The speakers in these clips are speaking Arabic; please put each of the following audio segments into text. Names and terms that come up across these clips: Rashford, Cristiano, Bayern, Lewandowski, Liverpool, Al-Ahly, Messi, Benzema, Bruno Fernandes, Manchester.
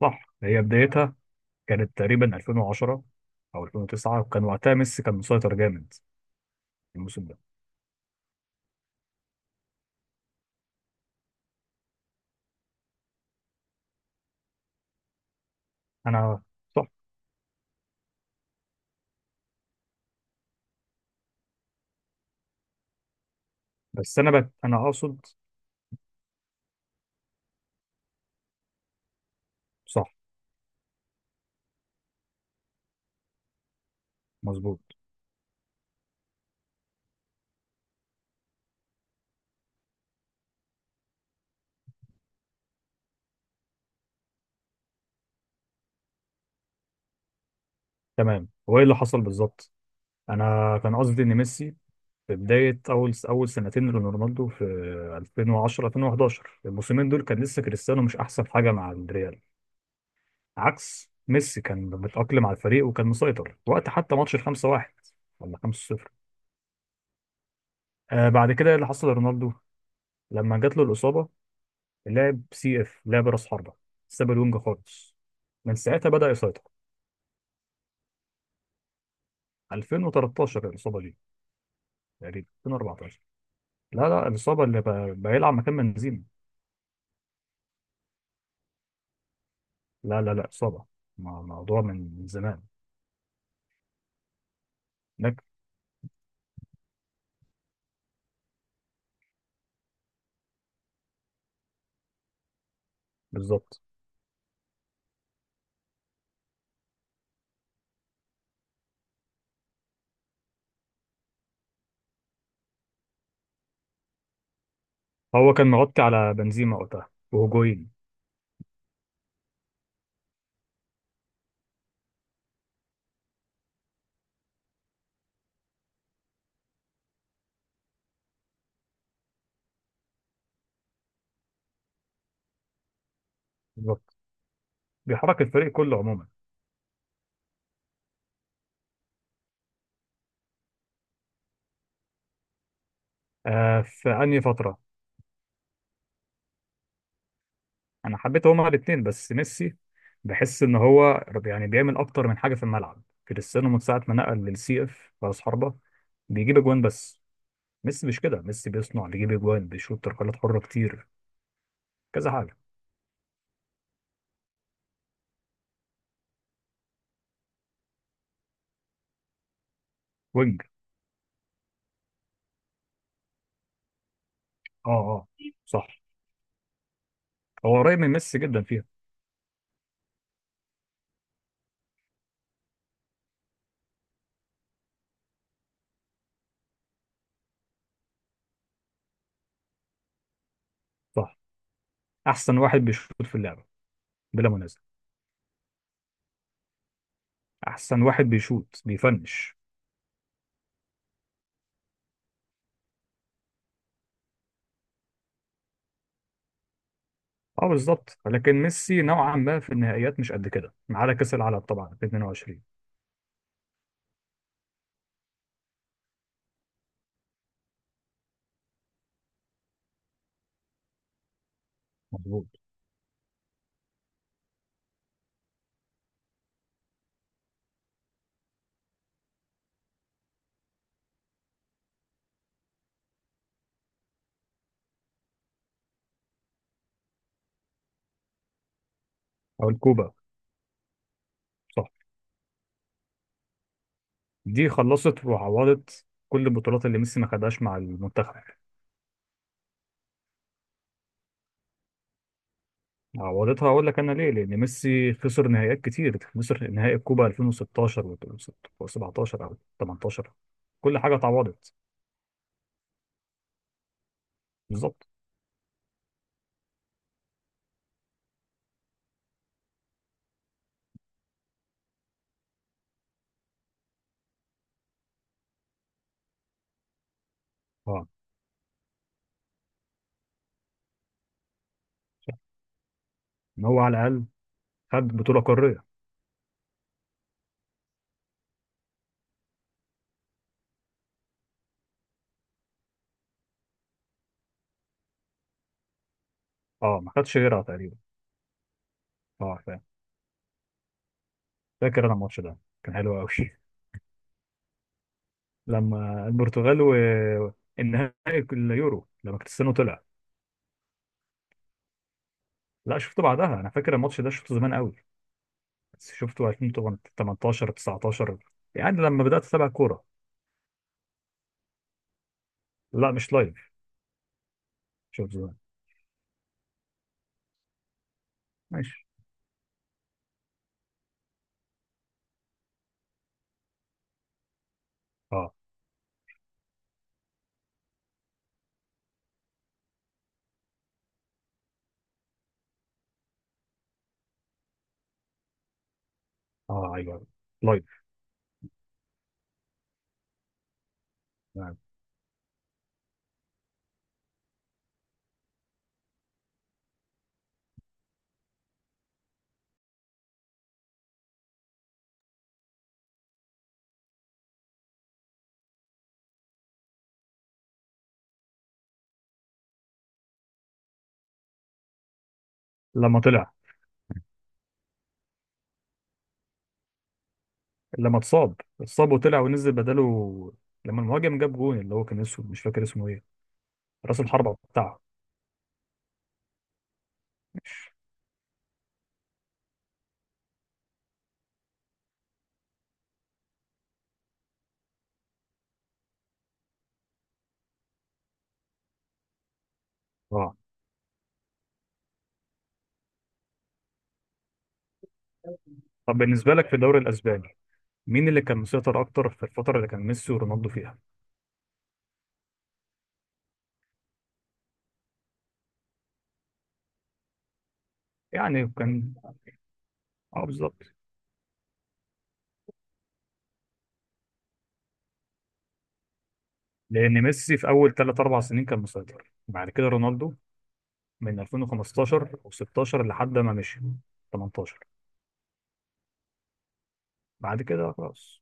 صح، هي بدايتها كانت تقريبا 2010 او 2009. وكان وقتها ميسي كان مسيطر جامد الموسم ده. انا، صح. بس انا اقصد. صح. مظبوط. تمام. هو ايه اللي حصل بالظبط؟ انا كان قصدي ان ميسي في بدايه اول سنتين لرونالدو في 2010 2011، الموسمين دول كان لسه كريستيانو مش احسن حاجه مع الريال، عكس ميسي كان متاقلم على الفريق وكان مسيطر وقت حتى ماتش ال 5-1 ولا 5-0. بعد كده، إيه اللي حصل لرونالدو لما جات له الإصابة؟ لعب سي إف، لعب رأس حربة، ساب الونج خالص. من ساعتها بدأ يسيطر. 2013 الإصابة دي، تقريبا 2014. لا لا، الإصابة اللي بيلعب مكان بنزيما. لا لا لا، إصابة موضوع من زمان. لك. بالظبط، هو كان مغطي على بنزيما وقتها وهجوين. بالظبط، بيحرك الفريق كله عموما. في أنهي فترة؟ انا حبيت هما الاثنين، بس ميسي بحس ان هو يعني بيعمل اكتر من حاجه في الملعب. كريستيانو من ساعه ما نقل للسي اف راس حربه بيجيب اجوان بس. ميسي مش كده، ميسي بيصنع، بيجيب اجوان، بيشوط تركلات حره كتير، كذا حاجه. وينج. اه اه، صح. هو قريب من ميسي جدا فيها. صح. احسن واحد بيشوط في اللعبه بلا منازع. احسن واحد بيشوط بيفنش. اه بالظبط، لكن ميسي نوعا ما في النهائيات مش قد كده، ما عدا كاس العالم طبعا في 22. مظبوط. او الكوبا. صح، دي خلصت وعوضت كل البطولات اللي ميسي ما خدهاش مع المنتخب. عوضتها، اقول لك انا ليه: لان ميسي خسر نهائيات كتير، خسر نهائي الكوبا 2016 و17 او 18، كل حاجه اتعوضت. بالظبط. اه، ان هو على الاقل خد بطوله قاريه. اه، ما خدش غيرها تقريبا. اه فاهم. فاكر انا الماتش ده، كان حلو قوي لما البرتغال والنهائي، اليورو، لما كريستيانو طلع. لا، شفته بعدها. انا فاكر الماتش ده شفته زمان قوي، بس شفته 2018 19. يعني لما بدأت أتابع كورة. لا، مش لايف. شوف، زمان. ماشي. اه اه. ايوه، لايف. نعم. لما طلع. لما اتصاب. اتصاب وطلع ونزل بداله. لما المهاجم جاب جون، اللي هو كان اسمه مش فاكر اسمه ايه، راس الحربة بتاعه. اه. طب بالنسبة لك في الدوري الأسباني، مين اللي كان مسيطر أكتر في الفترة اللي كان ميسي ورونالدو فيها؟ يعني كان. اه بالظبط. لأن ميسي في أول ثلاث أربع سنين كان مسيطر، بعد كده رونالدو من 2015 و16 لحد ما مشي 18. بعد كده خلاص،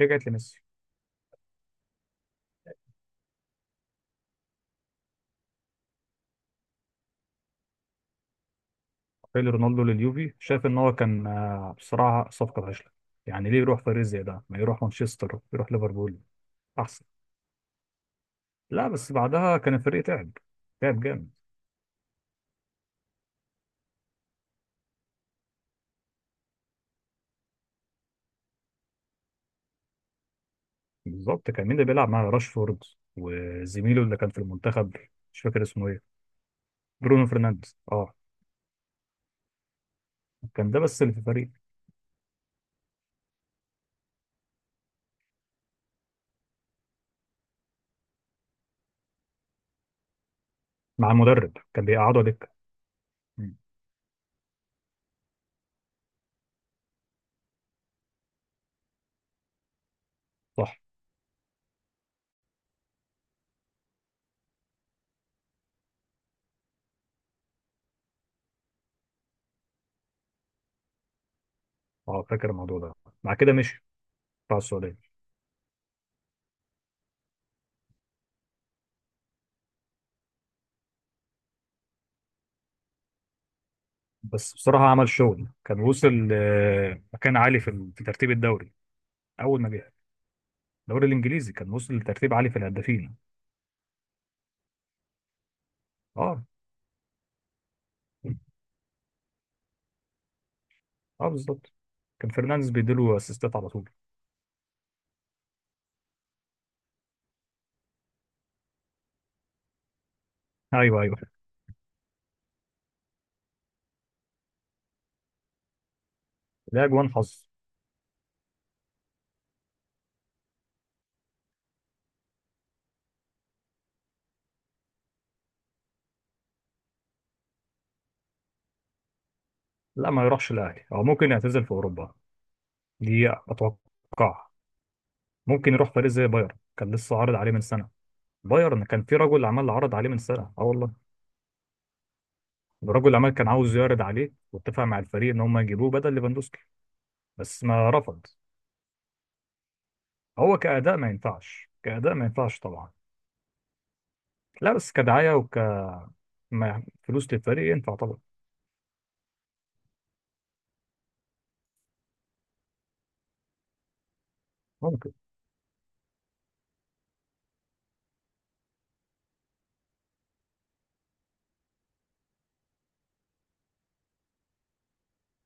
رجعت لميسي. رجع رونالدو لليوفي، شاف ان هو كان بصراحه صفقه فاشله. يعني ليه يروح فريق زي ده؟ ما يروح مانشستر، يروح ليفربول احسن. لا، بس بعدها كان الفريق تعب، تعب جامد. بالظبط. كان مين اللي بيلعب مع راشفورد وزميله اللي كان في المنتخب؟ مش فاكر اسمه ايه. برونو فرنانديز، اه. كان ده بس اللي في الفريق. مع المدرب كان بيقعدوا دكه. مم. صح. اه، فاكر الموضوع ده. مع كده مشي بتاع السعوديه. بس بصراحة عمل شغل، كان وصل مكان عالي في في ترتيب الدوري أول ما جه. الدوري الإنجليزي، كان وصل لترتيب عالي في الهدافين. أه. أه بالظبط، كان فرنانديز بيديله أسيستات على طول. أيوه أيوه. لا، أجوان حظ. لا ما يروحش الأهلي، أو ممكن يعتزل في أوروبا. دي أتوقع. ممكن يروح فريق زي بايرن، كان لسه عارض عليه من سنة. بايرن، كان في رجل عمل عرض عليه من سنة، أه والله. الرجل العمل كان عاوز يعرض عليه واتفق مع الفريق إن هم يجيبوه بدل ليفاندوسكي، بس ما رفض. هو كأداء ما ينفعش، كأداء ما ينفعش طبعا. لا، بس كدعاية وكفلوس للفريق ينفع طبعا. ممكن.